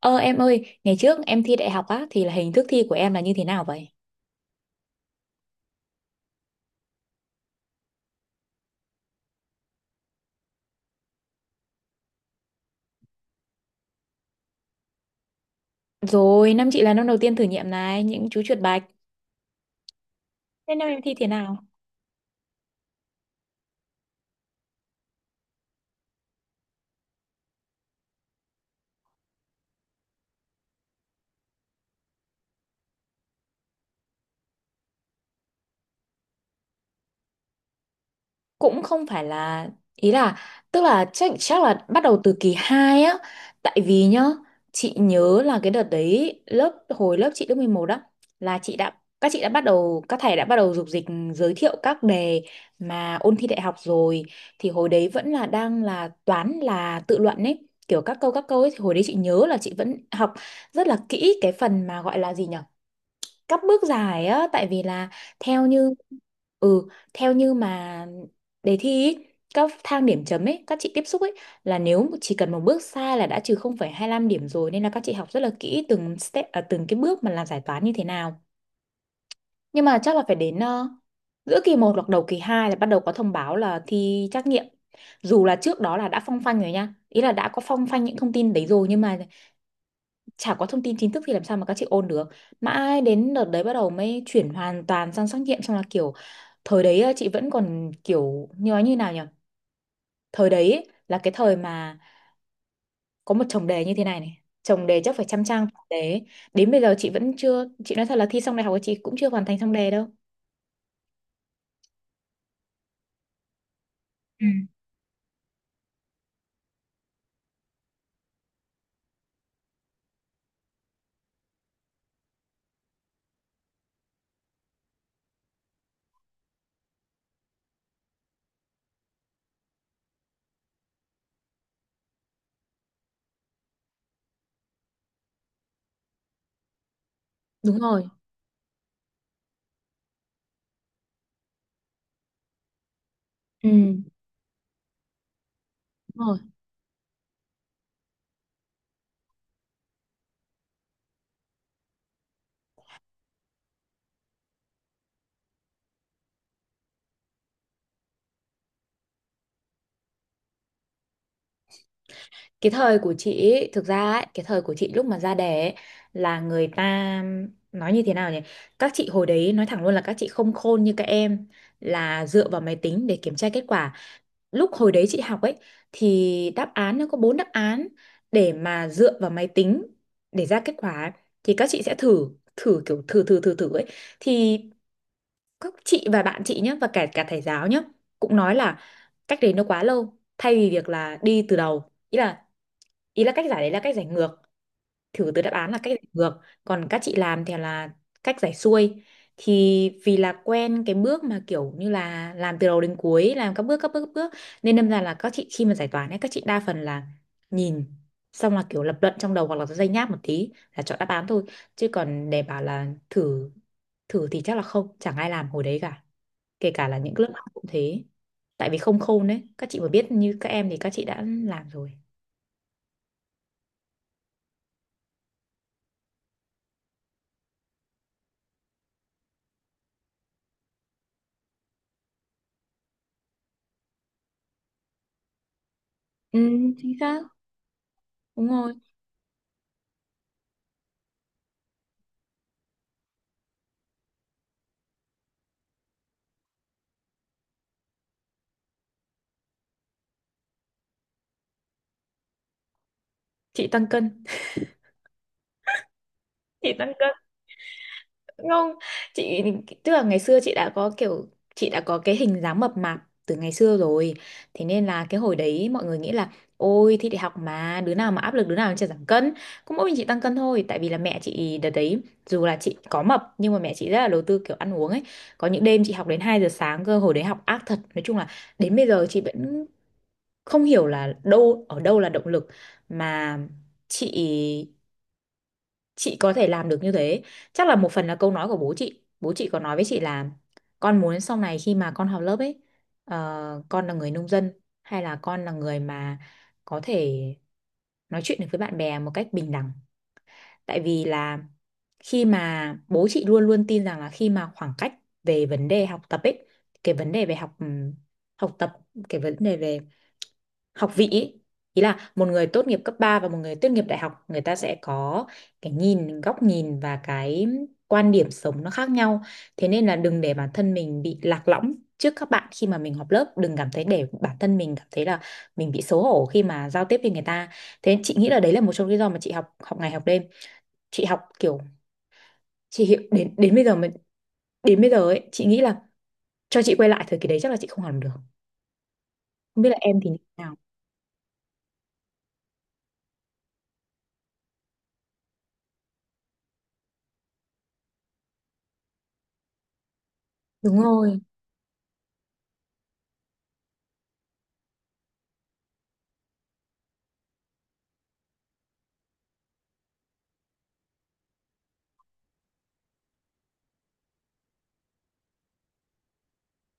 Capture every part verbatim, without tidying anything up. Ờ em ơi, ngày trước em thi đại học á thì là hình thức thi của em là như thế nào vậy? Rồi, năm chị là năm đầu tiên thử nghiệm này, những chú chuột bạch. Thế năm em thi thế nào? Cũng không phải là, ý là, tức là chắc chắc là bắt đầu từ kỳ hai á, tại vì nhá, chị nhớ là cái đợt đấy lớp hồi lớp chị lớp mười một đó, là chị đã, các chị đã bắt đầu, các thầy đã bắt đầu dục dịch giới thiệu các đề mà ôn thi đại học rồi. Thì hồi đấy vẫn là đang là toán là tự luận ấy, kiểu các câu các câu ấy, thì hồi đấy chị nhớ là chị vẫn học rất là kỹ cái phần mà gọi là gì nhỉ, cấp bước giải á, tại vì là theo như, ừ, theo như mà đề thi ý, các thang điểm chấm ấy các chị tiếp xúc ấy, là nếu chỉ cần một bước sai là đã trừ không phẩy hai lăm điểm rồi, nên là các chị học rất là kỹ từng step à, từng cái bước mà làm giải toán như thế nào. Nhưng mà chắc là phải đến ờ, giữa kỳ một hoặc đầu kỳ hai là bắt đầu có thông báo là thi trắc nghiệm, dù là trước đó là đã phong phanh rồi nha, ý là đã có phong phanh những thông tin đấy rồi, nhưng mà chả có thông tin chính thức thì làm sao mà các chị ôn được. Mãi đến đợt đấy bắt đầu mới chuyển hoàn toàn sang trắc nghiệm, xong là kiểu, thời đấy á, chị vẫn còn kiểu như nói như nào nhỉ, thời đấy ấy, là cái thời mà có một chồng đề như thế này này, chồng đề chắc phải trăm trang chồng đề ấy. Đến bây giờ chị vẫn chưa, chị nói thật là thi xong đại học của chị cũng chưa hoàn thành xong đề đâu. Ừ. Đúng rồi. Ừ. Đúng rồi. Cái thời của chị ấy, thực ra ấy, cái thời của chị lúc mà ra đẻ ấy, là người ta nói như thế nào nhỉ, các chị hồi đấy nói thẳng luôn là các chị không khôn như các em, là dựa vào máy tính để kiểm tra kết quả. Lúc hồi đấy chị học ấy, thì đáp án nó có bốn đáp án để mà dựa vào máy tính để ra kết quả ấy. Thì các chị sẽ thử, thử kiểu thử thử thử thử ấy, thì các chị và bạn chị nhé, và cả cả thầy giáo nhé, cũng nói là cách đấy nó quá lâu, thay vì việc là đi từ đầu, ý là, ý là cách giải đấy là cách giải ngược, thử từ đáp án là cách giải ngược, còn các chị làm thì là cách giải xuôi. Thì vì là quen cái bước mà kiểu như là làm từ đầu đến cuối, làm các bước các bước các bước, nên đâm ra là các chị khi mà giải toán ấy, các chị đa phần là nhìn xong là kiểu lập luận trong đầu, hoặc là dây nháp một tí là chọn đáp án thôi, chứ còn để bảo là thử, thử thì chắc là không, chẳng ai làm hồi đấy cả, kể cả là những lớp học cũng thế. Tại vì không khôn đấy, các chị mà biết như các em thì các chị đã làm rồi. Ừ, chính xác. Đúng rồi, chị tăng cân. Chị tăng cân. Không, chị, tức là ngày xưa chị đã có kiểu, chị đã có cái hình dáng mập mạp từ ngày xưa rồi. Thế nên là cái hồi đấy mọi người nghĩ là, ôi thi đại học mà đứa nào mà áp lực đứa nào chả giảm cân. Cũng mỗi mình chị tăng cân thôi, tại vì là mẹ chị đợt đấy, dù là chị có mập nhưng mà mẹ chị rất là đầu tư kiểu ăn uống ấy. Có những đêm chị học đến hai giờ sáng cơ, hồi đấy học ác thật. Nói chung là đến bây giờ chị vẫn không hiểu là đâu, ở đâu là động lực mà chị chị có thể làm được như thế. Chắc là một phần là câu nói của bố chị, bố chị có nói với chị là, con muốn sau này khi mà con học lớp ấy, ờ, con là người nông dân hay là con là người mà có thể nói chuyện được với bạn bè một cách bình đẳng. Tại vì là, khi mà bố chị luôn luôn tin rằng là khi mà khoảng cách về vấn đề học tập ấy, cái vấn đề về học ừm, học tập, cái vấn đề về học vị ý, ý là một người tốt nghiệp cấp ba và một người tốt nghiệp đại học người ta sẽ có cái nhìn, góc nhìn và cái quan điểm sống nó khác nhau. Thế nên là đừng để bản thân mình bị lạc lõng trước các bạn khi mà mình học lớp, đừng cảm thấy để bản thân mình cảm thấy là mình bị xấu hổ khi mà giao tiếp với người ta. Thế chị nghĩ là đấy là một trong lý do mà chị học, học ngày học đêm, chị học kiểu, chị hiểu đến đến bây giờ mình, đến bây giờ ấy chị nghĩ là cho chị quay lại thời kỳ đấy chắc là chị không làm được. Không biết là em thì như thế nào. Đúng rồi.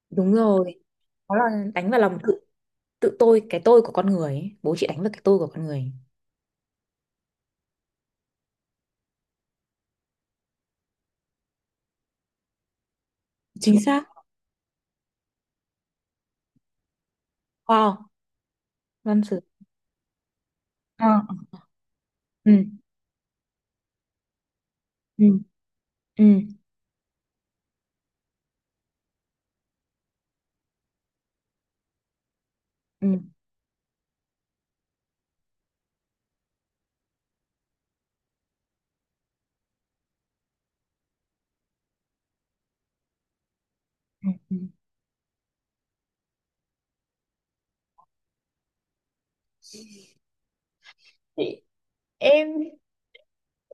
Đúng rồi. Đó là đánh vào lòng tự, tự tôi, cái tôi của con người ấy. Bố chị đánh vào cái tôi của con người ấy. Chính xác. Wow, văn sử. Ờ. Ừ. Ừ. Ừ. Ừ. Ừ. Ừ. Chị, em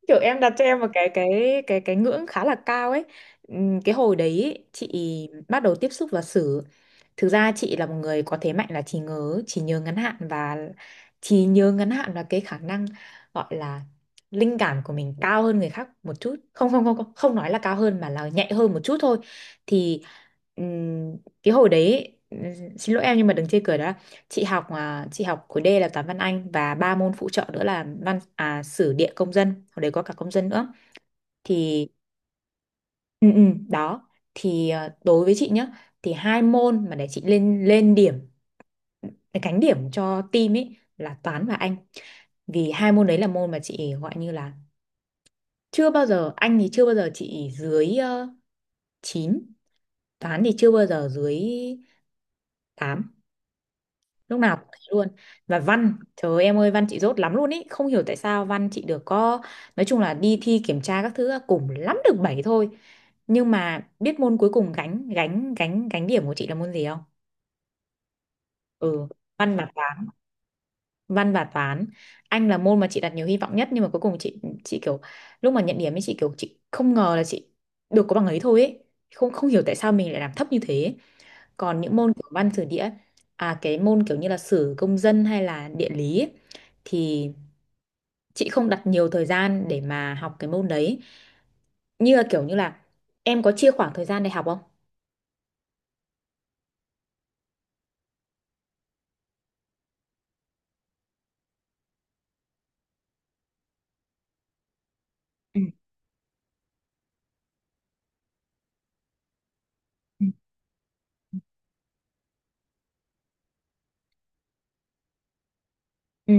kiểu em đặt cho em một cái cái cái cái ngưỡng khá là cao ấy. Ừm, cái hồi đấy ý, chị bắt đầu tiếp xúc và xử, thực ra chị là một người có thế mạnh là trí nhớ, trí nhớ ngắn hạn, và trí nhớ ngắn hạn là cái khả năng gọi là linh cảm của mình cao hơn người khác một chút, không không không không, không nói là cao hơn mà là nhạy hơn một chút thôi. Thì ừm, cái hồi đấy ý, ừm, xin lỗi em nhưng mà đừng chê cười đó, chị học à, chị học khối D là toán văn Anh và ba môn phụ trợ nữa là văn à, sử địa công dân, hồi đấy có cả công dân nữa. Thì ừ, ừ, đó thì à, đối với chị nhá, thì hai môn mà để chị lên lên điểm, cánh điểm cho team ấy là toán và Anh, vì hai môn đấy là môn mà chị gọi như là chưa bao giờ, Anh thì chưa bao giờ chị dưới uh, chín, toán thì chưa bao giờ dưới tám, lúc nào cũng thế luôn. Và văn, trời ơi, em ơi, văn chị dốt lắm luôn ý, không hiểu tại sao văn chị được có, nói chung là đi thi kiểm tra các thứ cùng lắm được bảy thôi. Nhưng mà biết môn cuối cùng gánh gánh gánh gánh điểm của chị là môn gì không? Ừ, văn và toán. Văn và toán. Anh là môn mà chị đặt nhiều hy vọng nhất, nhưng mà cuối cùng chị chị kiểu, lúc mà nhận điểm ấy chị kiểu chị không ngờ là chị được có bằng ấy thôi ấy, không, không hiểu tại sao mình lại làm thấp như thế. Còn những môn kiểu văn sử địa, à cái môn kiểu như là sử công dân hay là địa lý ấy, thì chị không đặt nhiều thời gian để mà học cái môn đấy. Như là kiểu như là, em có chia khoảng thời gian để học không? Ừ. Ừ. Ừ.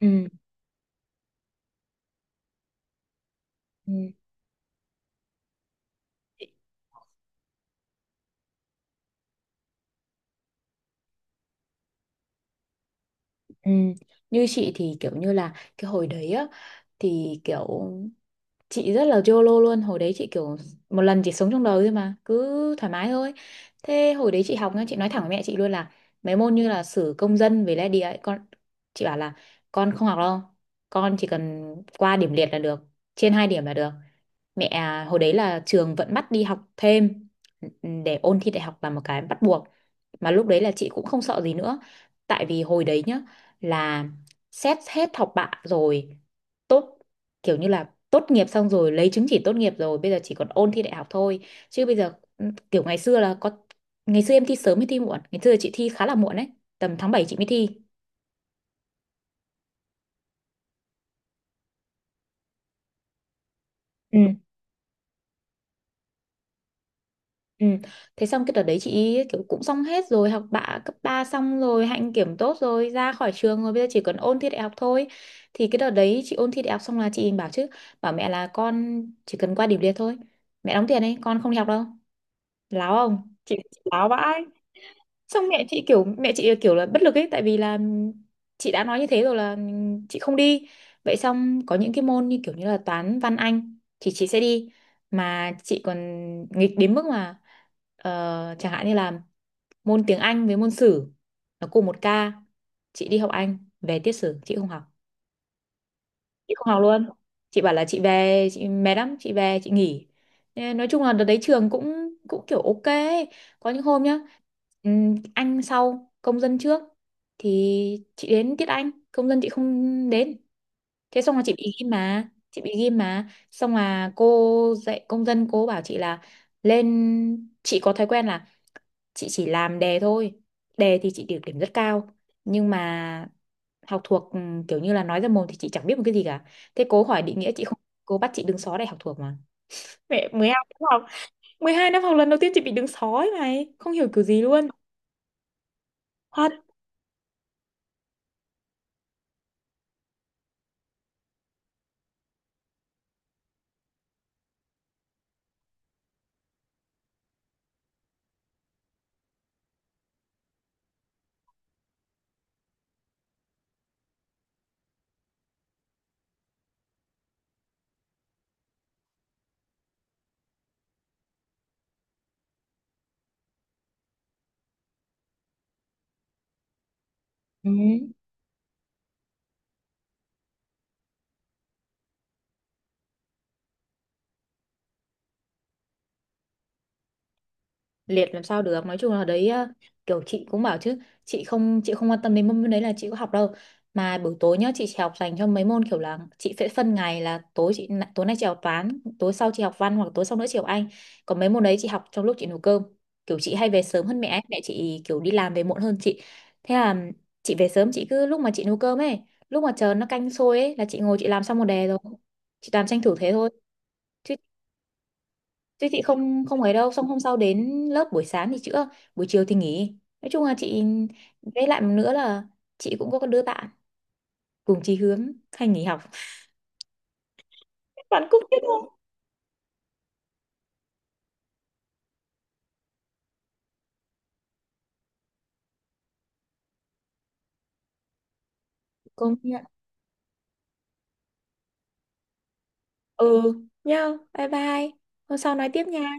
Ừ. Ừ. Ừ. Như chị thì kiểu như là cái hồi đấy á, thì kiểu chị rất là YOLO luôn, hồi đấy chị kiểu một lần chỉ sống trong đời thôi mà cứ thoải mái thôi. Thế hồi đấy chị học nhá, chị nói thẳng với mẹ chị luôn là mấy môn như là sử công dân với lại địa ấy, con, chị bảo là con không học đâu, con chỉ cần qua điểm liệt là được, trên hai điểm là được. Mẹ à, hồi đấy là trường vẫn bắt đi học thêm, ừ, để ôn thi đại học là một cái bắt buộc, mà lúc đấy là chị cũng không sợ gì nữa. Tại vì hồi đấy nhá, là xét hết học bạ rồi, tốt, kiểu như là tốt nghiệp xong rồi, lấy chứng chỉ tốt nghiệp rồi, bây giờ chỉ còn ôn thi đại học thôi, chứ bây giờ, ừ, kiểu ngày xưa là có, ngày xưa em thi sớm hay thi muộn, ngày xưa chị thi khá là muộn đấy, tầm tháng bảy chị mới thi. Ừ. Ừ. Thế xong cái đợt đấy chị ý kiểu cũng xong hết rồi, học bạ cấp ba xong rồi, hạnh kiểm tốt rồi, ra khỏi trường rồi, bây giờ chỉ còn ôn thi đại học thôi. Thì cái đợt đấy chị ôn thi đại học xong là chị bảo chứ, bảo mẹ là con chỉ cần qua điểm liệt thôi, mẹ đóng tiền đấy con không đi học đâu. Láo không chị, chị láo vãi. Xong mẹ chị kiểu, mẹ chị kiểu là bất lực ấy, tại vì là chị đã nói như thế rồi là chị không đi. Vậy xong có những cái môn như kiểu như là toán văn anh thì chị sẽ đi. Mà chị còn nghịch đến mức mà, ờ, chẳng hạn như là môn tiếng Anh với môn sử nó cùng một ca, chị đi học Anh về tiết sử chị không học, chị không học luôn, chị bảo là chị về chị mệt lắm, chị về chị nghỉ. Thế nói chung là đợt đấy trường cũng cũng kiểu ok ấy. Có những hôm nhá, ừm, anh sau công dân trước, thì chị đến tiết anh, công dân chị không đến. Thế xong là chị bị ghim mà, chị bị ghim mà, xong là cô dạy công dân, cô bảo chị là, lên, chị có thói quen là chị chỉ làm đề thôi, đề thì chị được điểm rất cao, nhưng mà học thuộc ừ, kiểu như là nói ra mồm thì chị chẳng biết một cái gì cả. Thế cố hỏi định nghĩa chị không, cô bắt chị đứng xó để học thuộc mà. Mẹ, mười hai năm học, mười hai năm học lần đầu tiên chị bị đứng sói này, không hiểu kiểu gì luôn. Thật. Ừ. Liệt làm sao được, nói chung là đấy, ờ, kiểu chị cũng bảo chứ chị không, chị không quan tâm đến môn đấy, là chị có học đâu. Mà buổi tối nhá chị chỉ học dành cho mấy môn, kiểu là chị sẽ phân ngày là tối chị, tối nay chị học toán, tối sau chị học văn, hoặc tối sau nữa chị học anh. Còn mấy môn đấy chị học trong lúc chị nấu cơm, kiểu chị hay về sớm hơn mẹ ấy. Mẹ chị kiểu đi làm về muộn hơn chị. Thế là chị về sớm, chị cứ lúc mà chị nấu cơm ấy, lúc mà chờ nó canh sôi ấy là chị ngồi chị làm xong một đề rồi. Chị toàn tranh thủ thế thôi. Chứ, chứ chị không, không ấy đâu, xong hôm sau đến lớp buổi sáng thì chữa, buổi chiều thì nghỉ. Nói chung là chị, với lại một nữa là chị cũng có cái đứa bạn cùng chí hướng hay nghỉ học. Bạn cũng biết không? Công nhận. Ừ, nhau, bye bye. Hôm sau nói tiếp nha.